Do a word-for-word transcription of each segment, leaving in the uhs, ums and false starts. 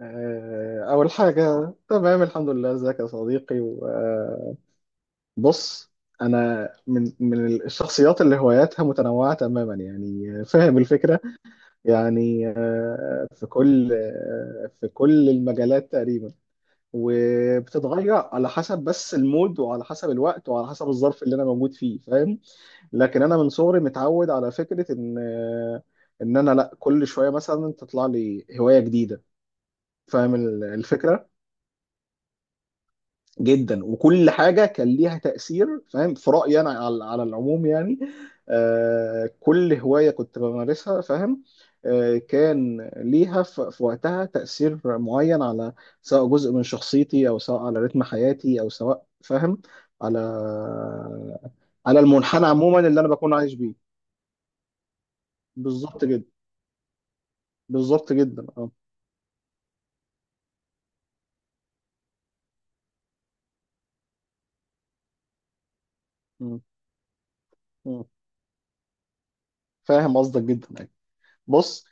آه، أول حاجة تمام، الحمد لله. ازيك يا صديقي؟ وبص، أنا من من الشخصيات اللي هواياتها متنوعة تماما، يعني فاهم الفكرة. يعني آه، في كل آه، في كل المجالات تقريبا، وبتتغير على حسب بس المود، وعلى حسب الوقت، وعلى حسب الظرف اللي أنا موجود فيه، فاهم. لكن أنا من صغري متعود على فكرة إن آه، إن أنا لا، كل شوية مثلا تطلع لي هواية جديدة، فاهم ال- الفكرة. جدا، وكل حاجه كان ليها تاثير، فاهم، في رايي انا على, على العموم يعني. آه كل هوايه كنت بمارسها، فاهم، آه كان ليها ف- في وقتها تاثير معين على، سواء جزء من شخصيتي، او سواء على رتم حياتي، او سواء فاهم، على على المنحنى عموما اللي انا بكون عايش بيه. بالظبط جدا. بالظبط جدا، اه. م- م. فاهم قصدك جدا يعني. بص.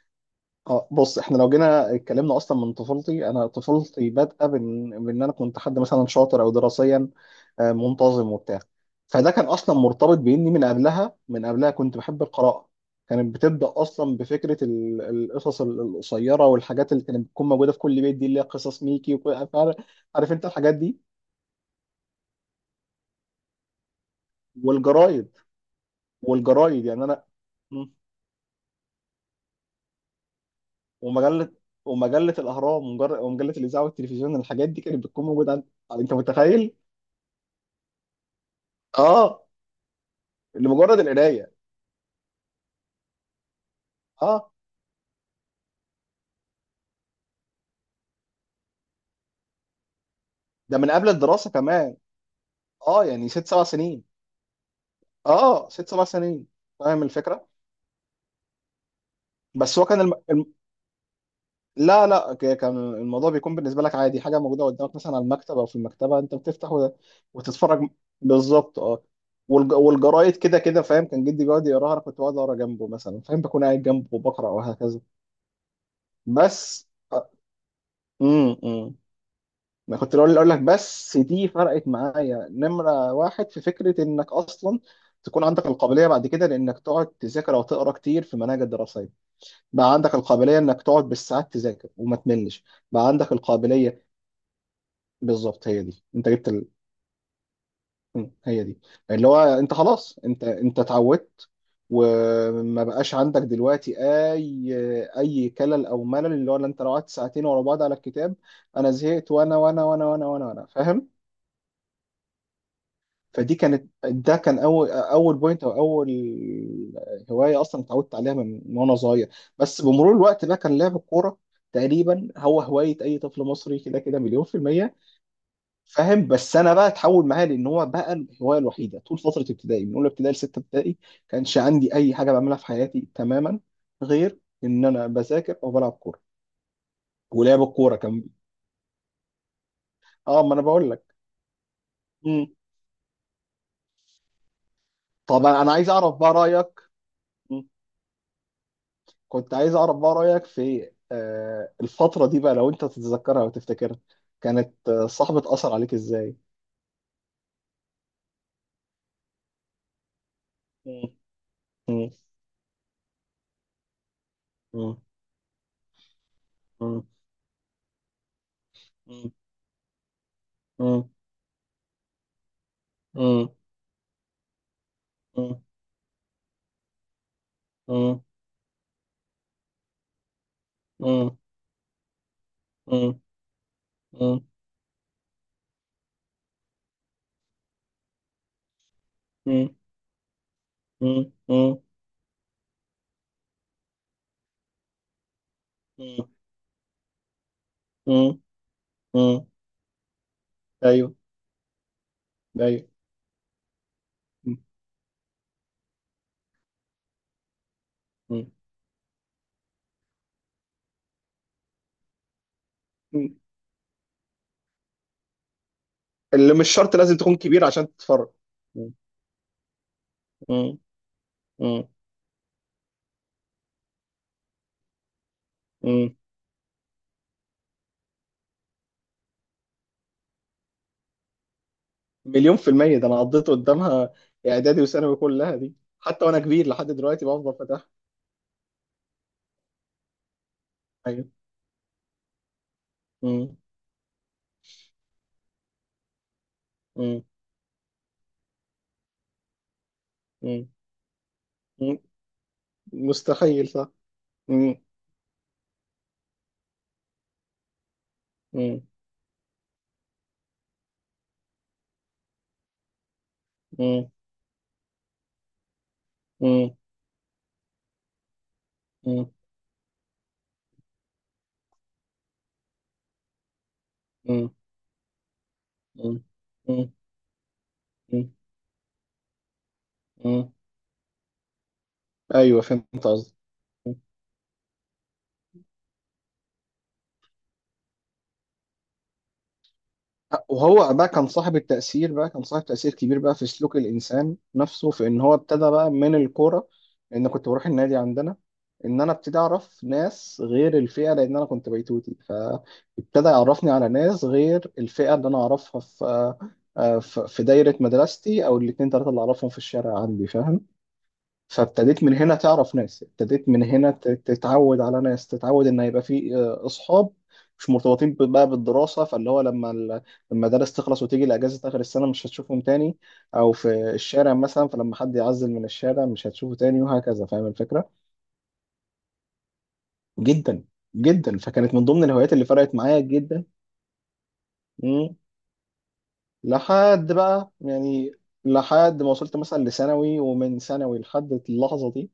اه بص، احنا لو جينا اتكلمنا اصلا من طفولتي، انا طفولتي بادئه بان بان انا كنت حد مثلا شاطر او دراسيا، آه، منتظم وبتاع. فده كان اصلا مرتبط باني من قبلها من قبلها كنت بحب القراءه. كانت بتبدا اصلا بفكره ال- القصص ال- القصيره، والحاجات اللي كانت بتكون موجوده في كل بيت دي، اللي هي قصص ميكي وكل عارف، عارف انت الحاجات دي. والجرايد، والجرايد يعني انا. م. ومجله ومجله الاهرام، ومجر- ومجله الاذاعه والتلفزيون، الحاجات دي كانت بتكون موجوده عند. انت متخيل؟ اه، لمجرد القرايه. اه، ده من قبل الدراسه كمان. اه يعني ست سبع سنين. اه ست سبع سنين. فاهم الفكره. بس هو كان الم... الم... لا لا، ك- كان الموضوع بيكون بالنسبه لك عادي، حاجه موجوده قدامك مثلا على المكتب او في المكتبه، انت بتفتح و... وتتفرج. بالظبط اه. والج... والجرايد كده كده، فاهم، كان جدي بيقعد يقراها، انا كنت بقعد اقرا جنبه مثلا، فاهم، بكون قاعد جنبه وبقرا وهكذا. بس. امم ما كنت اقول اقول لك بس دي فرقت معايا نمرة واحد في فكرة انك اصلا تكون عندك القابلية بعد كده لانك تقعد تذاكر او تقرا كتير في مناهج الدراسية. بقى عندك القابلية انك تقعد بالساعات تذاكر وما تملش. بقى عندك القابلية. بالظبط، هي دي، انت جبت ال... م، هي دي، اللي هو انت خلاص، انت انت اتعودت. وما بقاش عندك دلوقتي اي اي كلل او ملل، اللي هو لا، انت لو قعدت ساعتين ورا بعض على الكتاب، انا زهقت وانا وانا وانا وانا وانا, وأنا. فاهم. فدي كانت، ده كان اول اول بوينت، او اول هوايه اصلا اتعودت عليها من من وانا صغير. بس بمرور الوقت بقى كان لعب الكوره تقريبا هو هوايه اي طفل مصري، كده كده مليون في الميه. فاهم، بس انا بقى اتحول معايا، لان هو بقى الهوايه الوحيده طول فتره ابتدائي، من اولى ابتدائي لسته ابتدائي. كانش عندي اي حاجه بعملها في حياتي تماما غير ان انا بذاكر او بلعب كوره. ولعب الكوره كان، اه ما انا بقول لك. مم. طب انا عايز اعرف بقى رايك. كنت عايز اعرف بقى رايك في آه، الفتره دي بقى، لو انت تتذكرها وتفتكرها، كانت آه، صاحبة اثر عليك ازاي؟ مم. مم. مم. مم. مم. مم. مم. مم. مم. مم. مم. مم. مم. مم. مم. مم. ايوه. ايوه. مم. مم. اللي مش شرط لازم تكون كبير عشان تتفرج. مم. مم. مم. مليون في المية، ده انا قضيت قدامها اعدادي وثانوي كلها دي، حتى وانا كبير لحد دلوقتي بفضل فاتحها. ايوه. مم. مم. مم. مم. مستحيل، صح. مم. مم. مم. مم. مم. مم. مم. مم. مم. ايوه، فهمت قصدي. وهو بقى كان صاحب التأثير، بقى كان صاحب تأثير كبير بقى في سلوك الإنسان نفسه، في إن هو ابتدى بقى من الكورة، لأن كنت بروح النادي عندنا. إن أنا ابتدي أعرف ناس غير الفئة، لأن أنا كنت بيتوتي، فابتدى يعرفني على ناس غير الفئة اللي أنا أعرفها في آه، آه، في في دايرة مدرستي، أو الاتنين تلاتة اللي أعرفهم في الشارع عندي، فاهم. فابتديت من هنا تعرف ناس، ابتديت من هنا ت- تتعود على ناس، تتعود ان يبقى في آه، اصحاب مش مرتبطين ب- بقى بالدراسه، فاللي هو لما ال- لما الدرس تخلص وتيجي الاجازه اخر السنه مش هتشوفهم تاني، او في الشارع مثلا، فلما حد يعزل من الشارع مش هتشوفه تاني، وهكذا، فاهم الفكره. جدا. جدا، فكانت من ضمن الهوايات اللي فرقت معايا جدا. لحد بقى يعني، لحد ما وصلت مثلا لثانوي، ومن ثانوي لحد اللحظة دي،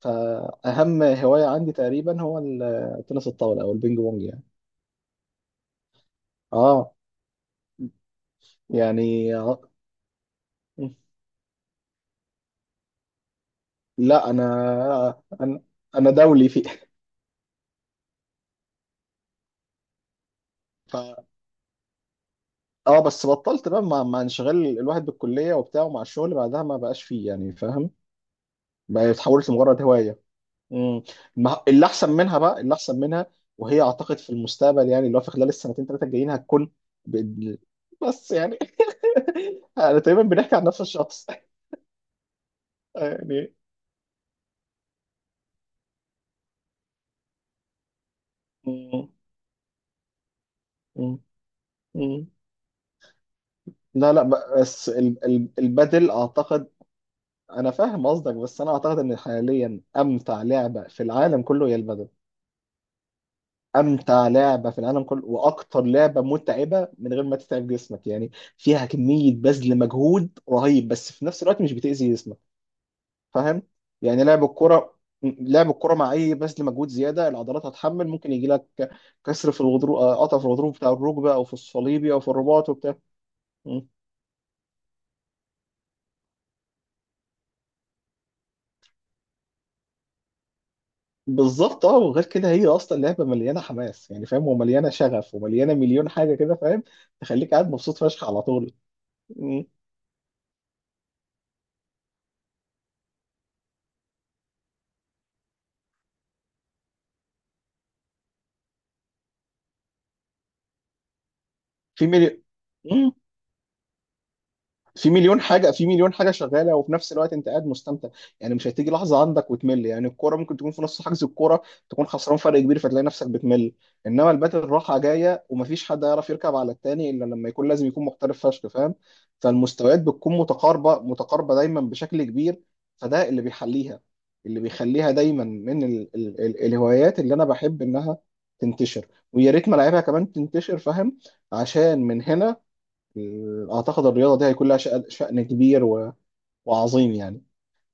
فأهم هواية عندي تقريبا هو ال- تنس الطاولة أو البينج بونج يعني. اه. يعني آه، لا، أنا أنا أنا دولي فيه. ف... اه، بس بطلت بقى مع, مع انشغال الواحد بالكلية وبتاع، ومع الشغل بعدها ما بقاش فيه يعني، فاهم. بقى اتحولت لمجرد هواية. مم. ما اللي احسن منها، بقى اللي احسن منها، وهي اعتقد في المستقبل، يعني اللي هو في خلال السنتين ثلاثه الجايين هتكون. بإذن- بس يعني انا تقريبا بنحكي عن نفس الشخص. يعني. مم. مم. مم. لا لا. بس ال- ال- البدل اعتقد. انا فاهم قصدك، بس انا اعتقد ان حاليا امتع لعبه في العالم كله هي البدل. امتع لعبه في العالم كله، واكتر لعبه متعبه من غير ما تتعب جسمك، يعني فيها كميه بذل مجهود رهيب، بس في نفس الوقت مش بتاذي جسمك، فاهم، يعني لعب الكرة لعب الكرة مع اي بذل مجهود، زياده العضلات هتحمل ممكن يجي لك كسر في الغضروف، آه، قطع في الغضروف بتاع الركبه، او في الصليبي، او في الرباط وبتاع. م. بالظبط اه، وغير كده هي اصلا لعبه مليانه حماس يعني، فاهم، ومليانه شغف ومليانه مليون حاجه كده، فاهم، تخليك قاعد مبسوط فشخ على طول. م. في مليون في مليون حاجه في مليون حاجه شغاله، وفي نفس الوقت انت قاعد مستمتع، يعني مش هتيجي لحظه عندك وتمل، يعني الكوره ممكن تكون في نص حجز الكوره، تكون خسران فرق كبير، فتلاقي نفسك بتمل. انما الباتل راحه جايه، ومفيش حد يعرف يركب على التاني الا لما يكون، لازم يكون محترف فشخ، فاهم، فالمستويات بتكون متقاربه متقاربه دايما بشكل كبير. فده اللي بيحليها، اللي بيخليها دايما من ال ال ال الهوايات اللي انا بحب انها تنتشر، ويا ريت ملاعبها كمان تنتشر، فاهم، عشان من هنا اعتقد الرياضه دي هيكون لها شأن شأن كبير و... وعظيم يعني.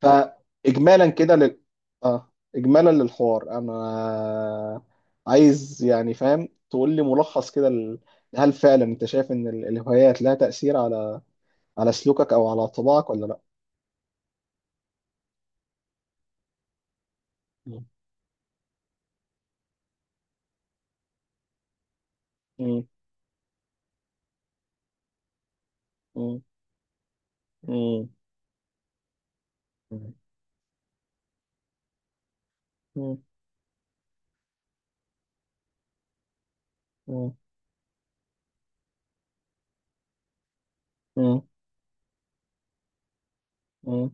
فاجمالا كده لل... اه اجمالا للحوار، انا عايز يعني، فاهم، تقول لي ملخص كده: ال... هل فعلا انت شايف ان ال- الهوايات لها تأثير على على سلوكك او على طباعك ولا لا؟ مم. مم. مم. مم. مم. مم. مم. مم.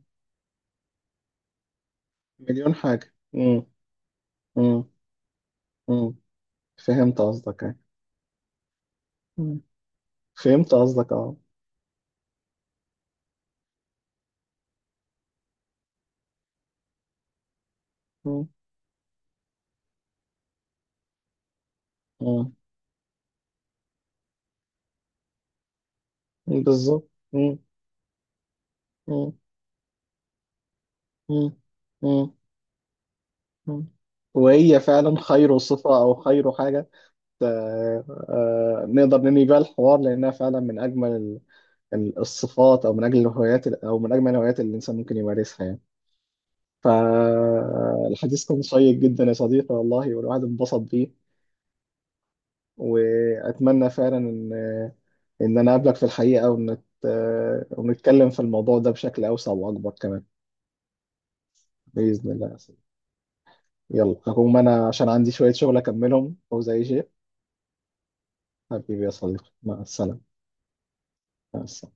مليون حاجة. مم. مم. مم. فهمت قصدك يعني. مم. فهمت قصدك اه. مم. مم. بالظبط. مم. مم. مم. مم. مم. وهي فعلا خير صفة أو خير حاجة، آه، آه، نقدر ننهي بيها الحوار، لأنها فعلا من أجمل ال- ال- الصفات، أو من أجل الهوايات ال- أو من أجمل الهوايات اللي الإنسان ممكن يمارسها يعني. فالحديث كان شيق جدا يا صديقي، والله، والواحد انبسط بيه. وأتمنى فعلا إن إن أنا أقابلك في الحقيقة، ونت... آه، ونتكلم في الموضوع ده بشكل أوسع وأكبر كمان. بإذن الله. يلا هقوم انا، عشان عندي شوية شغل اكملهم وزي شيء. حبيبي يا صديقي، مع السلامة. مع السلامة.